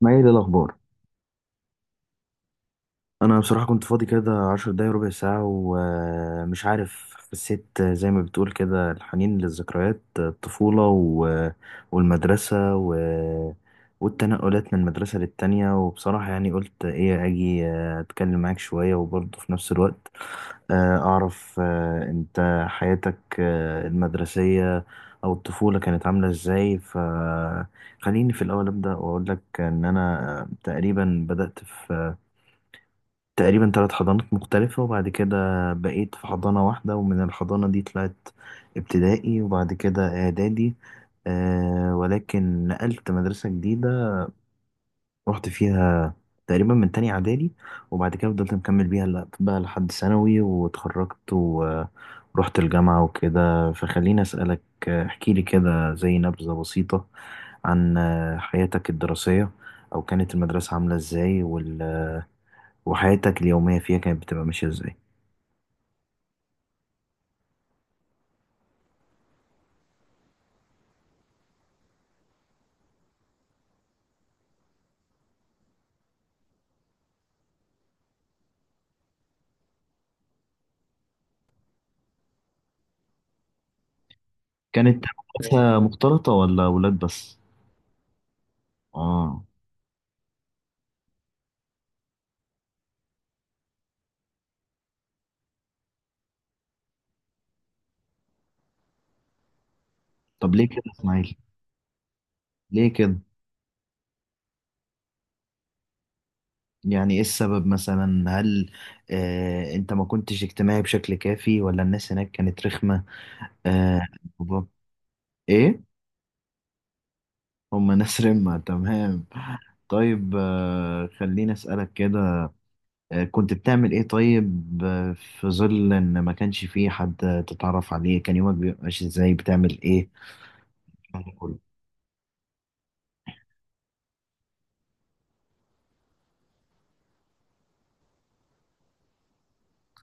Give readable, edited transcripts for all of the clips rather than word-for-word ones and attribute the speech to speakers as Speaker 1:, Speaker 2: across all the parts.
Speaker 1: ما هي دي الأخبار؟ أنا بصراحة كنت فاضي كده 10 دقايق ربع ساعة ومش عارف، حسيت زي ما بتقول كده، الحنين للذكريات الطفولة والمدرسة والتنقلات من المدرسة للتانية، وبصراحة يعني قلت إيه أجي أتكلم معاك شوية، وبرضه في نفس الوقت أعرف أنت حياتك المدرسية أو الطفولة كانت عاملة إزاي. خليني في الأول أبدأ وأقول لك إن أنا تقريبا بدأت في تقريبا ثلاث حضانات مختلفة، وبعد كده بقيت في حضانة واحدة، ومن الحضانة دي طلعت ابتدائي، وبعد كده إعدادي. ولكن نقلت مدرسة جديدة، رحت فيها تقريبا من تاني إعدادي، وبعد كده فضلت مكمل بيها بقى لحد ثانوي، واتخرجت ورحت الجامعة وكده. فخليني أسألك، احكيلي كده زي نبذة بسيطة عن حياتك الدراسية، أو كانت المدرسة عاملة إزاي، وحياتك اليومية فيها كانت بتبقى ماشية إزاي. كانت مدرسة مختلطة ولا ولاد بس؟ اه. طب ليه كده يا اسماعيل؟ ليه كده؟ يعني ايه السبب مثلا؟ هل انت ما كنتش اجتماعي بشكل كافي، ولا الناس هناك كانت رخمة؟ آه. بابا. ايه؟ هما ناس رمة، تمام. طيب خليني اسألك كده، كنت بتعمل ايه طيب، في ظل ان ما كانش فيه حد تتعرف عليه كان يومك بيبقى ماشي ازاي؟ بتعمل ايه؟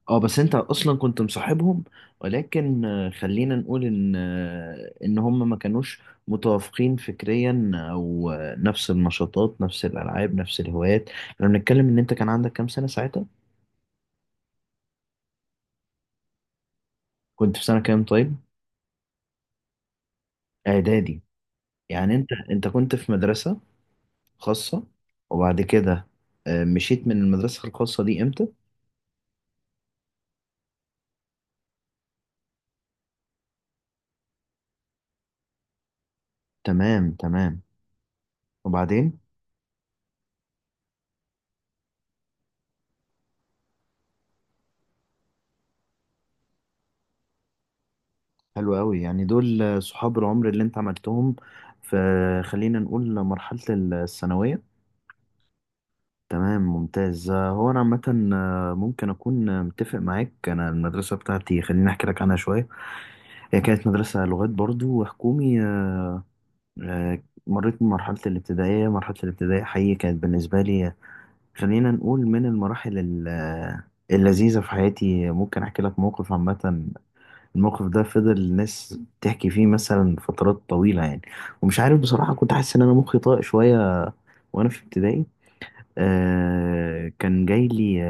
Speaker 1: اه بس انت اصلا كنت مصاحبهم، ولكن خلينا نقول ان ان هم ما كانوش متوافقين فكريا، او نفس النشاطات نفس الالعاب نفس الهوايات. احنا بنتكلم ان انت كان عندك كام سنة ساعتها؟ كنت في سنة كام؟ طيب. اعدادي. يعني انت كنت في مدرسة خاصة، وبعد كده مشيت من المدرسة الخاصة دي امتى؟ تمام تمام، وبعدين؟ حلو قوي، يعني دول صحاب العمر اللي انت عملتهم في، خلينا نقول، مرحلة الثانوية. تمام ممتاز. هو انا عامه ممكن اكون متفق معاك. انا المدرسه بتاعتي خليني احكي لك عنها شويه. هي كانت مدرسه لغات برضو وحكومي، مريت بمرحله الابتدائيه. مرحله الابتدائيه حقيقي كانت بالنسبه لي خلينا نقول من المراحل اللذيذه في حياتي. ممكن احكي لك موقف. عامه الموقف ده فضل الناس تحكي فيه مثلا فترات طويله، يعني. ومش عارف بصراحه كنت حاسس ان انا مخي طاق شويه، وانا في ابتدائي كان جاي لي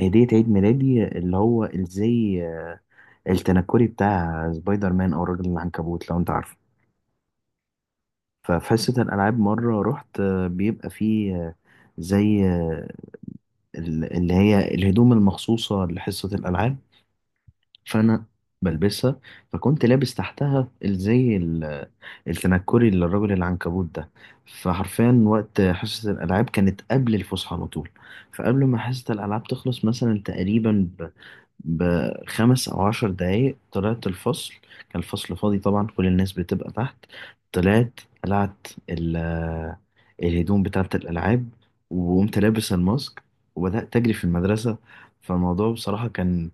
Speaker 1: هدية عيد ميلادي، اللي هو الزي التنكري بتاع سبايدر مان، أو الراجل العنكبوت لو أنت عارفه. ففي حصة الألعاب مرة رحت، بيبقى فيه زي اللي هي الهدوم المخصوصة لحصة الألعاب، فأنا بلبسها. فكنت لابس تحتها الزي التنكري للراجل العنكبوت ده. فحرفيا وقت حصة الألعاب كانت قبل الفسحة على طول. فقبل ما حصة الألعاب تخلص مثلا تقريبا بـ 5 أو 10 دقايق طلعت الفصل، كان الفصل فاضي طبعا، كل الناس بتبقى تحت. طلعت قلعت الهدوم بتاعة الألعاب، وقمت لابس الماسك، وبدأت أجري في المدرسة. فالموضوع بصراحة كان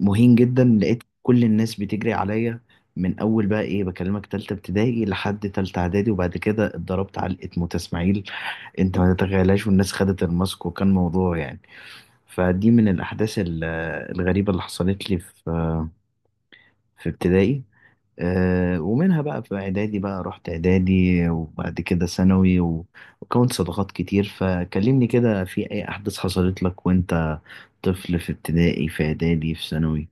Speaker 1: مهين جدا. لقيت كل الناس بتجري عليا من أول بقى إيه بكلمك تالتة ابتدائي لحد تالتة إعدادي، وبعد كده اتضربت علقة موت، إسماعيل أنت ما تتخيلهاش. والناس خدت الماسك وكان موضوع، يعني. فدي من الأحداث الغريبة اللي حصلت لي في ابتدائي. ومنها بقى في إعدادي، بقى رحت إعدادي، وبعد كده ثانوي وكونت صداقات كتير. فكلمني كده في أي أحداث حصلت لك وأنت طفل في ابتدائي، في إعدادي، في ثانوي.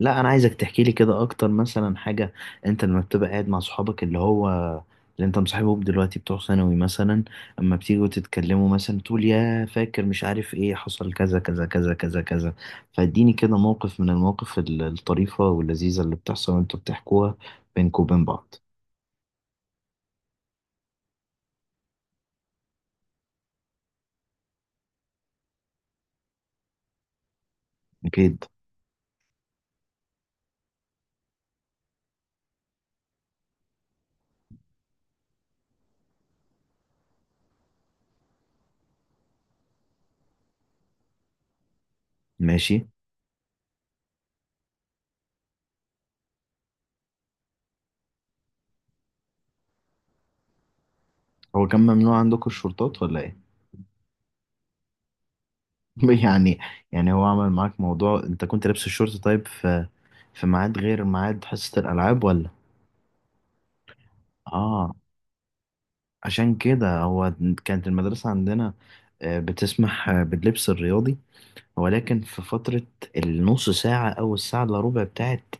Speaker 1: لا، انا عايزك تحكي لي كده اكتر، مثلا حاجه انت لما بتبقى قاعد مع صحابك، اللي انت مصاحبهم دلوقتي بتوع ثانوي مثلا، اما بتيجوا تتكلموا مثلا تقول يا فاكر مش عارف ايه حصل كذا كذا كذا كذا كذا. فاديني كده موقف من المواقف الطريفه واللذيذه اللي بتحصل وانتوا بتحكوها بينكم وبين بعض. اكيد. ماشي. هو كان ممنوع عندكم الشورتات ولا ايه؟ يعني، يعني هو عمل معاك موضوع انت كنت لابس الشورت؟ طيب في في ميعاد غير ميعاد حصه الالعاب ولا؟ اه. عشان كده هو كانت المدرسة عندنا بتسمح باللبس الرياضي، ولكن في فترة النص ساعة أو الساعة إلا ربع بتاعت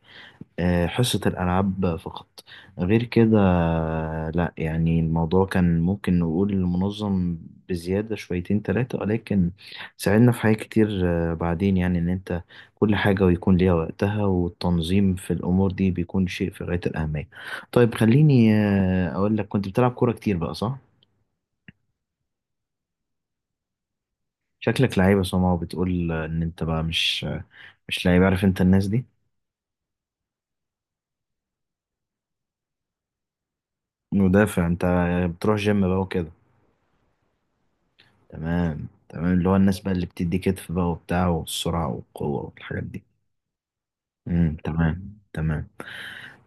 Speaker 1: حصة الألعاب فقط. غير كده لا، يعني الموضوع كان ممكن نقول منظم بزيادة شويتين تلاتة، ولكن ساعدنا في حاجات كتير. بعدين، يعني إن أنت كل حاجة ويكون ليها وقتها، والتنظيم في الأمور دي بيكون شيء في غاية الأهمية. طيب خليني أقول لك، كنت بتلعب كورة كتير بقى، صح؟ شكلك لعيب يا سما، وبتقول ان انت بقى مش لعيب. عارف انت الناس دي؟ مدافع انت، بتروح جيم بقى وكده. تمام تمام، اللي هو الناس بقى اللي بتدي كتف بقى وبتاع والسرعة والقوة والحاجات دي. تمام تمام.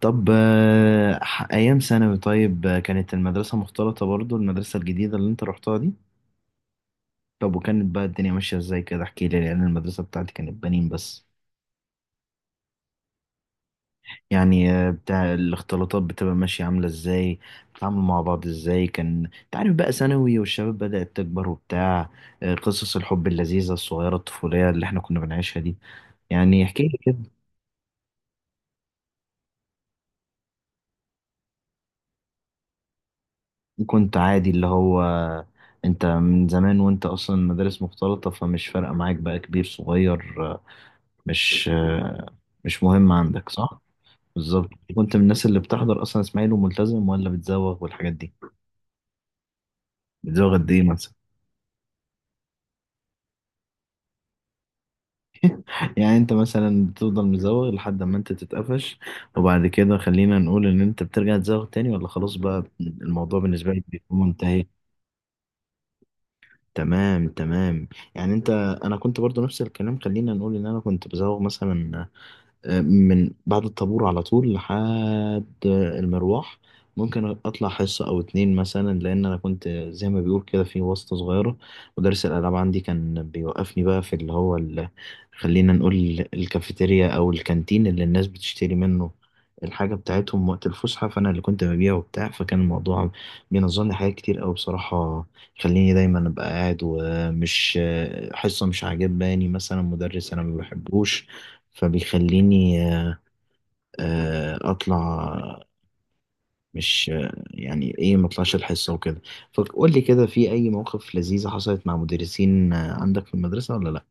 Speaker 1: طب ايام ثانوي طيب، كانت المدرسة مختلطة برضو، المدرسة الجديدة اللي انت رحتها دي؟ طب وكانت بقى الدنيا ماشية ازاي كده، احكي لي، لان المدرسة بتاعتي كانت بنين بس. يعني بتاع الاختلاطات بتبقى ماشية عاملة ازاي، بتتعاملوا مع بعض ازاي، كان انت عارف بقى ثانوي والشباب بدأت تكبر وبتاع، قصص الحب اللذيذة الصغيرة الطفولية اللي احنا كنا بنعيشها دي، يعني احكي لي كده. كنت عادي، اللي هو انت من زمان وانت اصلا مدارس مختلطة، فمش فارقة معاك بقى كبير صغير، مش آه، مش مهم عندك، صح؟ بالظبط. كنت من الناس اللي بتحضر اصلا اسماعيل وملتزم، ولا بتزوغ والحاجات دي؟ بتزوغ قد ايه مثلا؟ يعني انت مثلا بتفضل مزوغ لحد ما انت تتقفش، وبعد كده خلينا نقول ان انت بترجع تزوغ تاني، ولا خلاص بقى الموضوع بالنسبة لك بيكون منتهي؟ تمام تمام. يعني انا كنت برضو نفس الكلام، خلينا نقول ان انا كنت بزوغ مثلا من بعد الطابور على طول لحد المروح. ممكن اطلع حصة او اتنين مثلا، لان انا كنت زي ما بيقول كده في واسطة صغيرة. مدرس الالعاب عندي كان بيوقفني بقى في اللي هو خلينا نقول الكافيتيريا او الكانتين اللي الناس بتشتري منه الحاجة بتاعتهم وقت الفسحة، فأنا اللي كنت ببيع وبتاع. فكان الموضوع بينظم لي حاجات كتير أوي بصراحة، خليني دايما أبقى قاعد، ومش حصة مش عاجباني مثلا مدرس أنا ما بحبوش، فبيخليني اطلع. مش يعني ايه ما اطلعش الحصه وكده. فقول لي كده، في اي مواقف لذيذه حصلت مع مدرسين عندك في المدرسه، ولا لا؟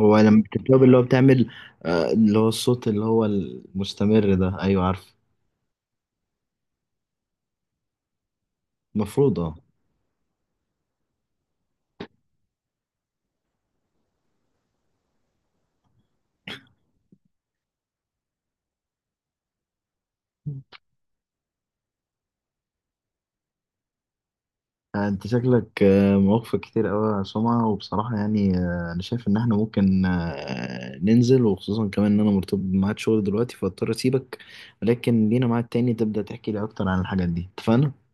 Speaker 1: هو لما بتتوب اللي هو بتعمل، اللي هو الصوت اللي هو المستمر ده، ايوه عارف. المفروض، اه. انت شكلك موفق كتير قوي يا سمعة، وبصراحة يعني انا شايف ان احنا ممكن ننزل، وخصوصا كمان ان انا مرتبط بميعاد شغل دلوقتي فاضطر اسيبك، ولكن لينا ميعاد تاني تبدأ تحكي لي اكتر عن الحاجات دي، اتفقنا؟